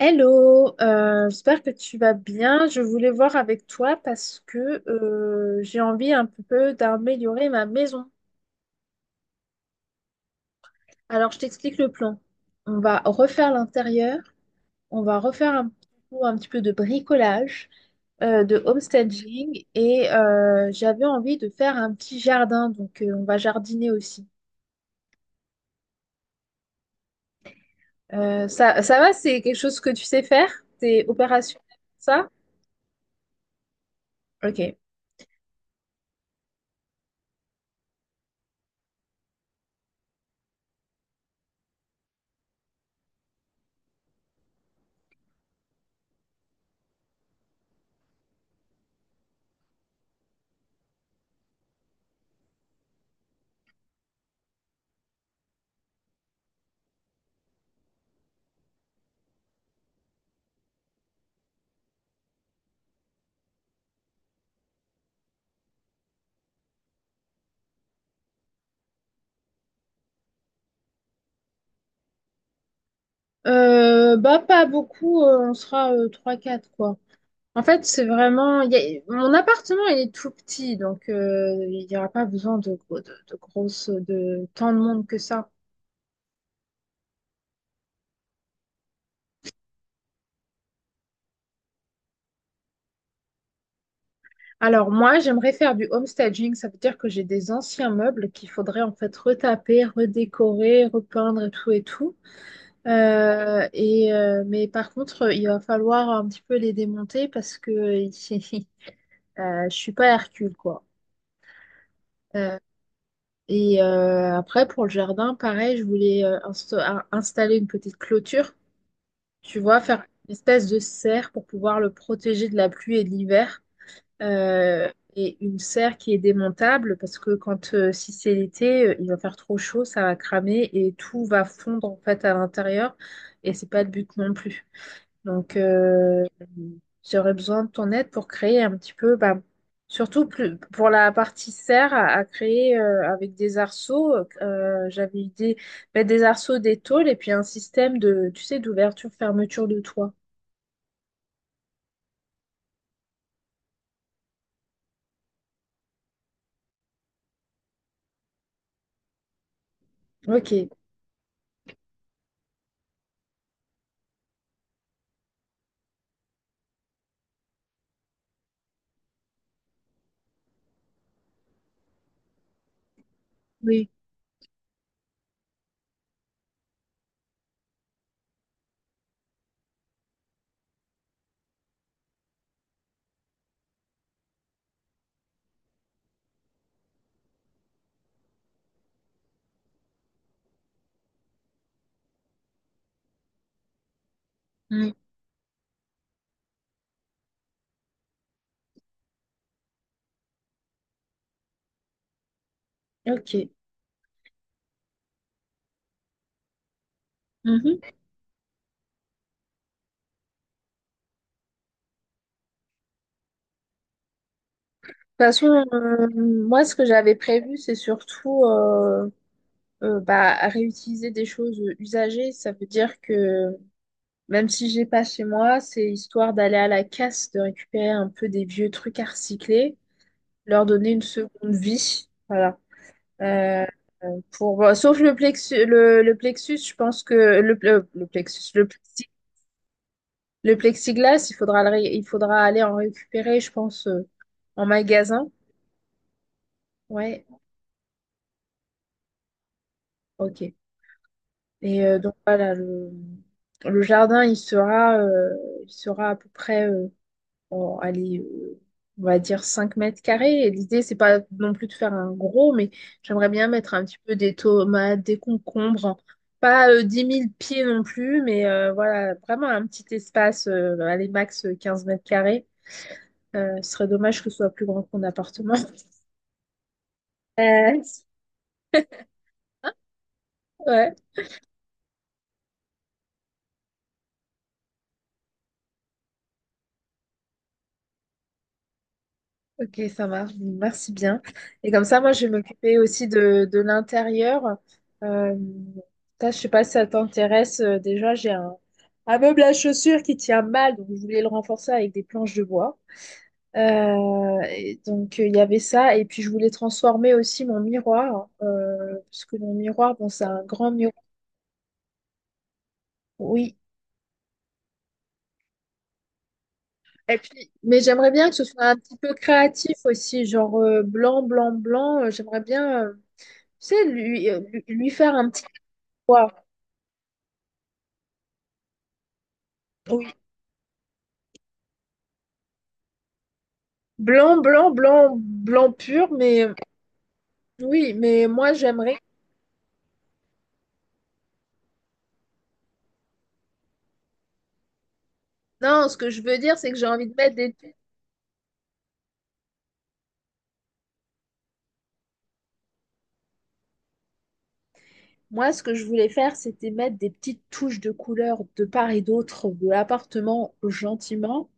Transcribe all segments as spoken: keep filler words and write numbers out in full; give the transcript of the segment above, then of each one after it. Hello, euh, j'espère que tu vas bien. Je voulais voir avec toi parce que euh, j'ai envie un peu d'améliorer ma maison. Alors, je t'explique le plan. On va refaire l'intérieur, on va refaire un, petit peu un petit peu de bricolage, euh, de homestaging et euh, j'avais envie de faire un petit jardin, donc euh, on va jardiner aussi. Euh, ça, ça va, c'est quelque chose que tu sais faire? T'es opérationnel, ça? Ok. Euh, bah pas beaucoup, euh, on sera euh, trois quatre quoi. En fait, c'est vraiment il y a- mon appartement il est tout petit donc euh, il n'y aura pas besoin de, gros- de, de grosses de tant de monde que ça. Alors moi, j'aimerais faire du homestaging, ça veut dire que j'ai des anciens meubles qu'il faudrait en fait retaper, redécorer, repeindre et tout et tout. Euh, et euh, mais par contre, il va falloir un petit peu les démonter parce que euh, je suis pas Hercule quoi. Euh, Et euh, après, pour le jardin, pareil, je voulais euh, insta- un- installer une petite clôture, tu vois, faire une espèce de serre pour pouvoir le protéger de la pluie et de l'hiver. Euh, et une serre qui est démontable parce que quand euh, si c'est l'été, euh, il va faire trop chaud, ça va cramer et tout va fondre en fait à l'intérieur. Et c'est pas le but non plus. Donc, euh, j'aurais besoin de ton aide pour créer un petit peu, bah, surtout plus- pour la partie serre, à, à créer euh, avec des arceaux. Euh, j'avais idée mettre des arceaux, des tôles et puis un système de, tu sais, d'ouverture-fermeture de toit. Ok, oui, oui, ok. Mhm. De toute façon, euh, moi, ce que j'avais prévu, c'est surtout euh, euh, bah, à réutiliser des choses usagées. Ça veut dire que même si j'ai pas chez moi, c'est histoire d'aller à la casse, de récupérer un peu des vieux trucs à recycler, leur donner une seconde vie. Voilà. Euh, euh, pour... bon, sauf le plexus, le, le plexus, je pense que le, le, le plexus, le, plexi- le plexiglas, il faudra, le ré- il faudra aller en récupérer, je pense, euh, en magasin. Ouais, ok. Et euh, donc voilà, le, le jardin, il sera, euh, il sera à peu près. euh, en allez, euh, on va dire cinq mètres carrés. Et l'idée, c'est pas non plus de faire un gros, mais j'aimerais bien mettre un petit peu des tomates, des concombres. Hein. Pas euh, dix mille pieds non plus, mais euh, voilà, vraiment un petit espace, euh, allez, max euh, quinze mètres carrés. Euh, ce serait dommage que ce soit plus grand que mon appartement. Euh, ouais. Ok, ça marche. Merci bien. Et comme ça, moi, je vais m'occuper aussi de, de l'intérieur. Euh, ça, je sais pas si ça t'intéresse. Euh, déjà, j'ai un, un meuble à chaussures qui tient mal, donc je voulais le renforcer avec des planches de bois. Euh, et donc, euh, il y avait ça. Et puis, je voulais transformer aussi mon miroir, euh, parce que mon miroir, bon, c'est un grand miroir. Oui. Et puis, mais j'aimerais bien que ce soit un petit peu créatif aussi, genre euh, blanc, blanc, blanc. Euh, J'aimerais bien, euh, tu sais, lui, euh, lui lui faire un petit waouh, oui. Blanc, blanc, blanc, blanc pur, mais euh, oui, mais moi j'aimerais. Non, ce que je veux dire, c'est que j'ai envie de mettre des. Moi, ce que je voulais faire, c'était mettre des petites touches de couleur de part et d'autre de l'appartement gentiment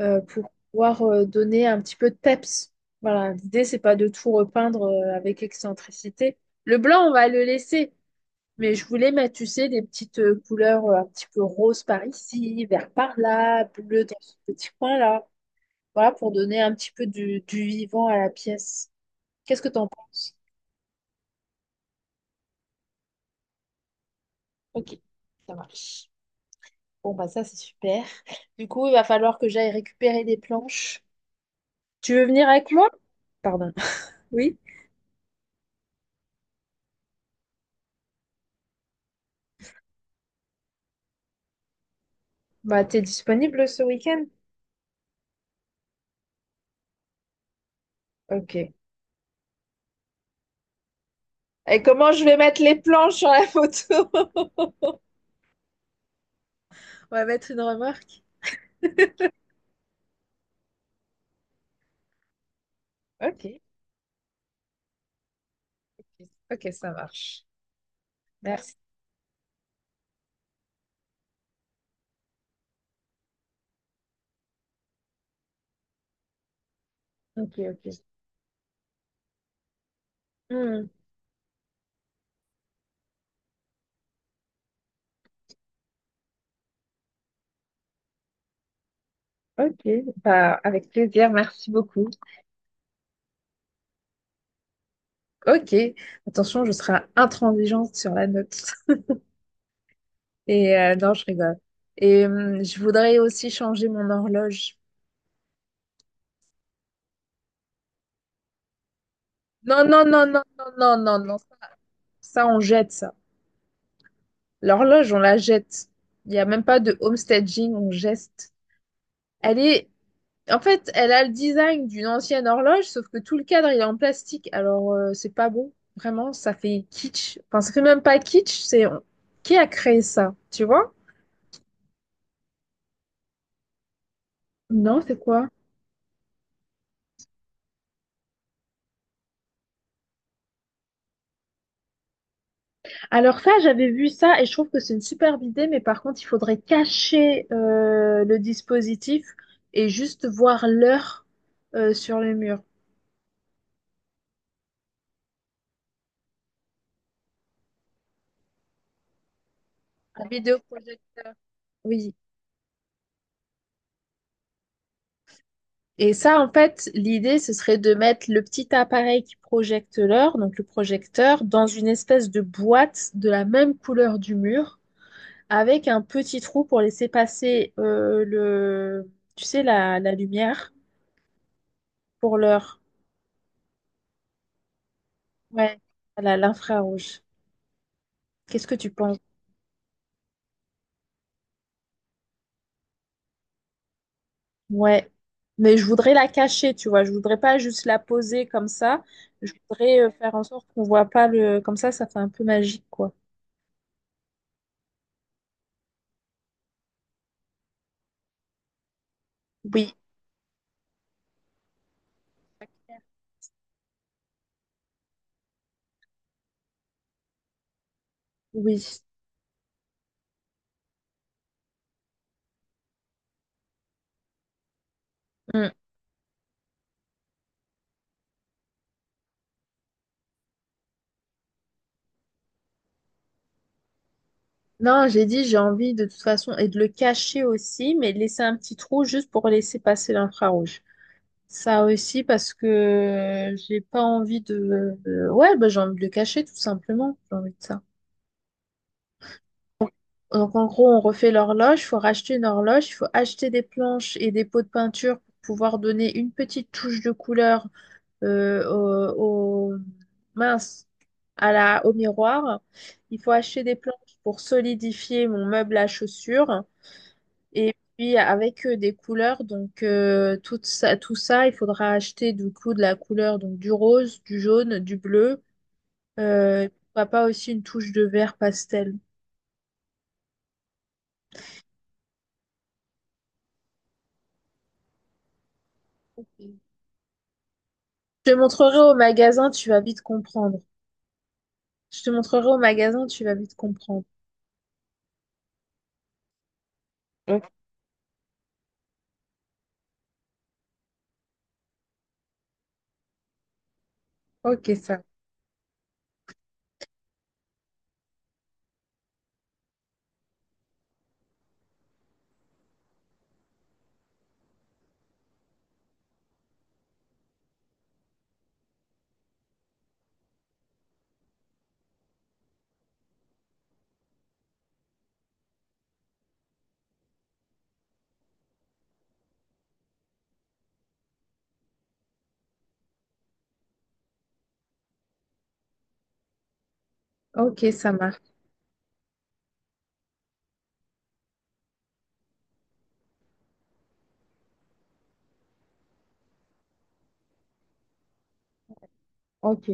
euh, pour pouvoir euh, donner un petit peu de peps. Voilà, l'idée, c'est pas de tout repeindre euh, avec excentricité. Le blanc, on va le laisser, mais je voulais mettre, tu sais, des petites euh, couleurs euh, un petit peu rose par ici, vert par là, bleu dans ce petit coin-là. Voilà, pour donner un petit peu du, du vivant à la pièce. Qu'est-ce que t'en penses? Ok, ça marche. Bon, bah ça, c'est super. Du coup, il va falloir que j'aille récupérer des planches. Tu veux venir avec moi? Pardon. Oui. Bah, t'es disponible ce week-end? Ok. Et comment je vais mettre les planches sur la photo? On va mettre une remarque. Ok. Ok, ok, ça marche. Merci. Ok, ok. Hmm, ok, bah, avec plaisir, merci beaucoup. Ok, attention, je serai intransigeante sur la note. Et euh, non, je rigole. Et hum, je voudrais aussi changer mon horloge. Non, non, non, non, non, non, non, non. Ça, on jette ça. L'horloge, on la jette. Il n'y a même pas de homestaging, on geste. Elle est... En fait, elle a le design d'une ancienne horloge, sauf que tout le cadre, il est en plastique. Alors, euh, c'est pas bon. Vraiment, ça fait kitsch. Enfin, ça fait même pas kitsch, c'est... Qui a créé ça? Tu vois? Non, c'est quoi? Alors ça, j'avais vu ça et je trouve que c'est une superbe idée, mais par contre, il faudrait cacher euh, le dispositif et juste voir l'heure euh, sur le mur. Un vidéoprojecteur. Oui. Et ça, en fait, l'idée, ce serait de mettre le petit appareil qui projette l'heure, donc le projecteur, dans une espèce de boîte de la même couleur du mur, avec un petit trou pour laisser passer euh, le, tu sais, la, la lumière pour l'heure. Ouais, voilà, l'infrarouge. Qu'est-ce que tu penses? Ouais, mais je voudrais la cacher, tu vois. Je voudrais pas juste la poser comme ça. Je voudrais euh, faire en sorte qu'on voit pas le. Comme ça, ça fait un peu magique, quoi. Oui, oui. Mm. Non, j'ai dit, j'ai envie de toute façon et de le cacher aussi, mais de laisser un petit trou juste pour laisser passer l'infrarouge. Ça aussi parce que euh, j'ai pas envie de. de- ouais, bah, j'ai envie de le cacher tout simplement. J'ai envie de ça. Donc, en gros, on refait l'horloge, il faut racheter une horloge, il faut acheter des planches et des pots de peinture pour pouvoir donner une petite touche de couleur euh, au, au- mince, à la, au miroir. Il faut acheter des planches pour solidifier mon meuble à chaussures et puis avec euh, des couleurs. Donc, euh, tout ça, tout ça, il faudra acheter du coup de la couleur donc du rose, du jaune, du bleu. Euh, et pourquoi pas aussi une touche de vert pastel. Ok. Je te montrerai au magasin, tu vas vite comprendre. Je te montrerai au magasin, tu vas vite comprendre. Ok. Ok, ça. Ok, ça marche. Ok.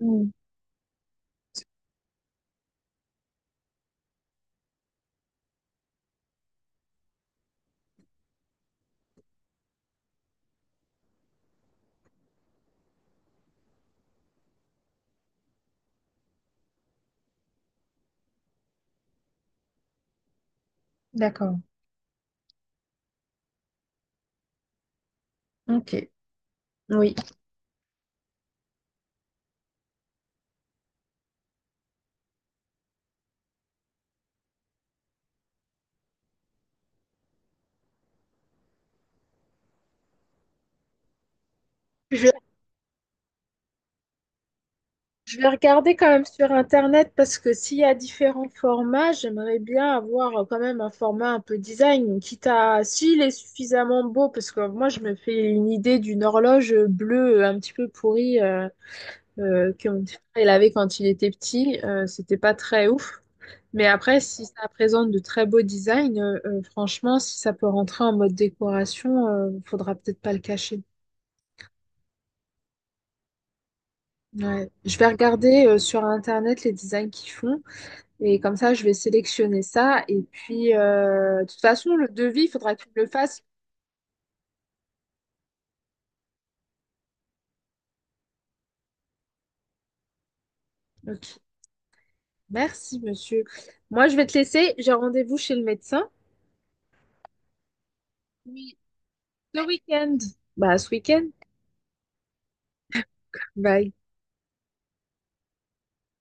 Hmm, d'accord. Ok. Oui. Je, je vais regarder quand même sur Internet parce que s'il y a différents formats, j'aimerais bien avoir euh, quand même un format un peu design, quitte à s'il est suffisamment beau, parce que moi je me fais une idée d'une horloge bleue un petit peu pourrie. Euh, euh, que mon petit frère il avait quand il était petit, euh, c'était pas très ouf. Mais après, si ça présente de très beaux designs, euh, euh, franchement, si ça peut rentrer en mode décoration, euh, faudra peut-être pas le cacher. Ouais. Je vais regarder euh, sur Internet les designs qu'ils font et comme ça, je vais sélectionner ça. Et puis, euh, de toute façon, le devis, il faudra que tu me le fasses. Ok. Merci, monsieur. Moi, je vais te laisser. J'ai rendez-vous chez le médecin. Oui, ce week-end. Bah, ce week-end. Bye.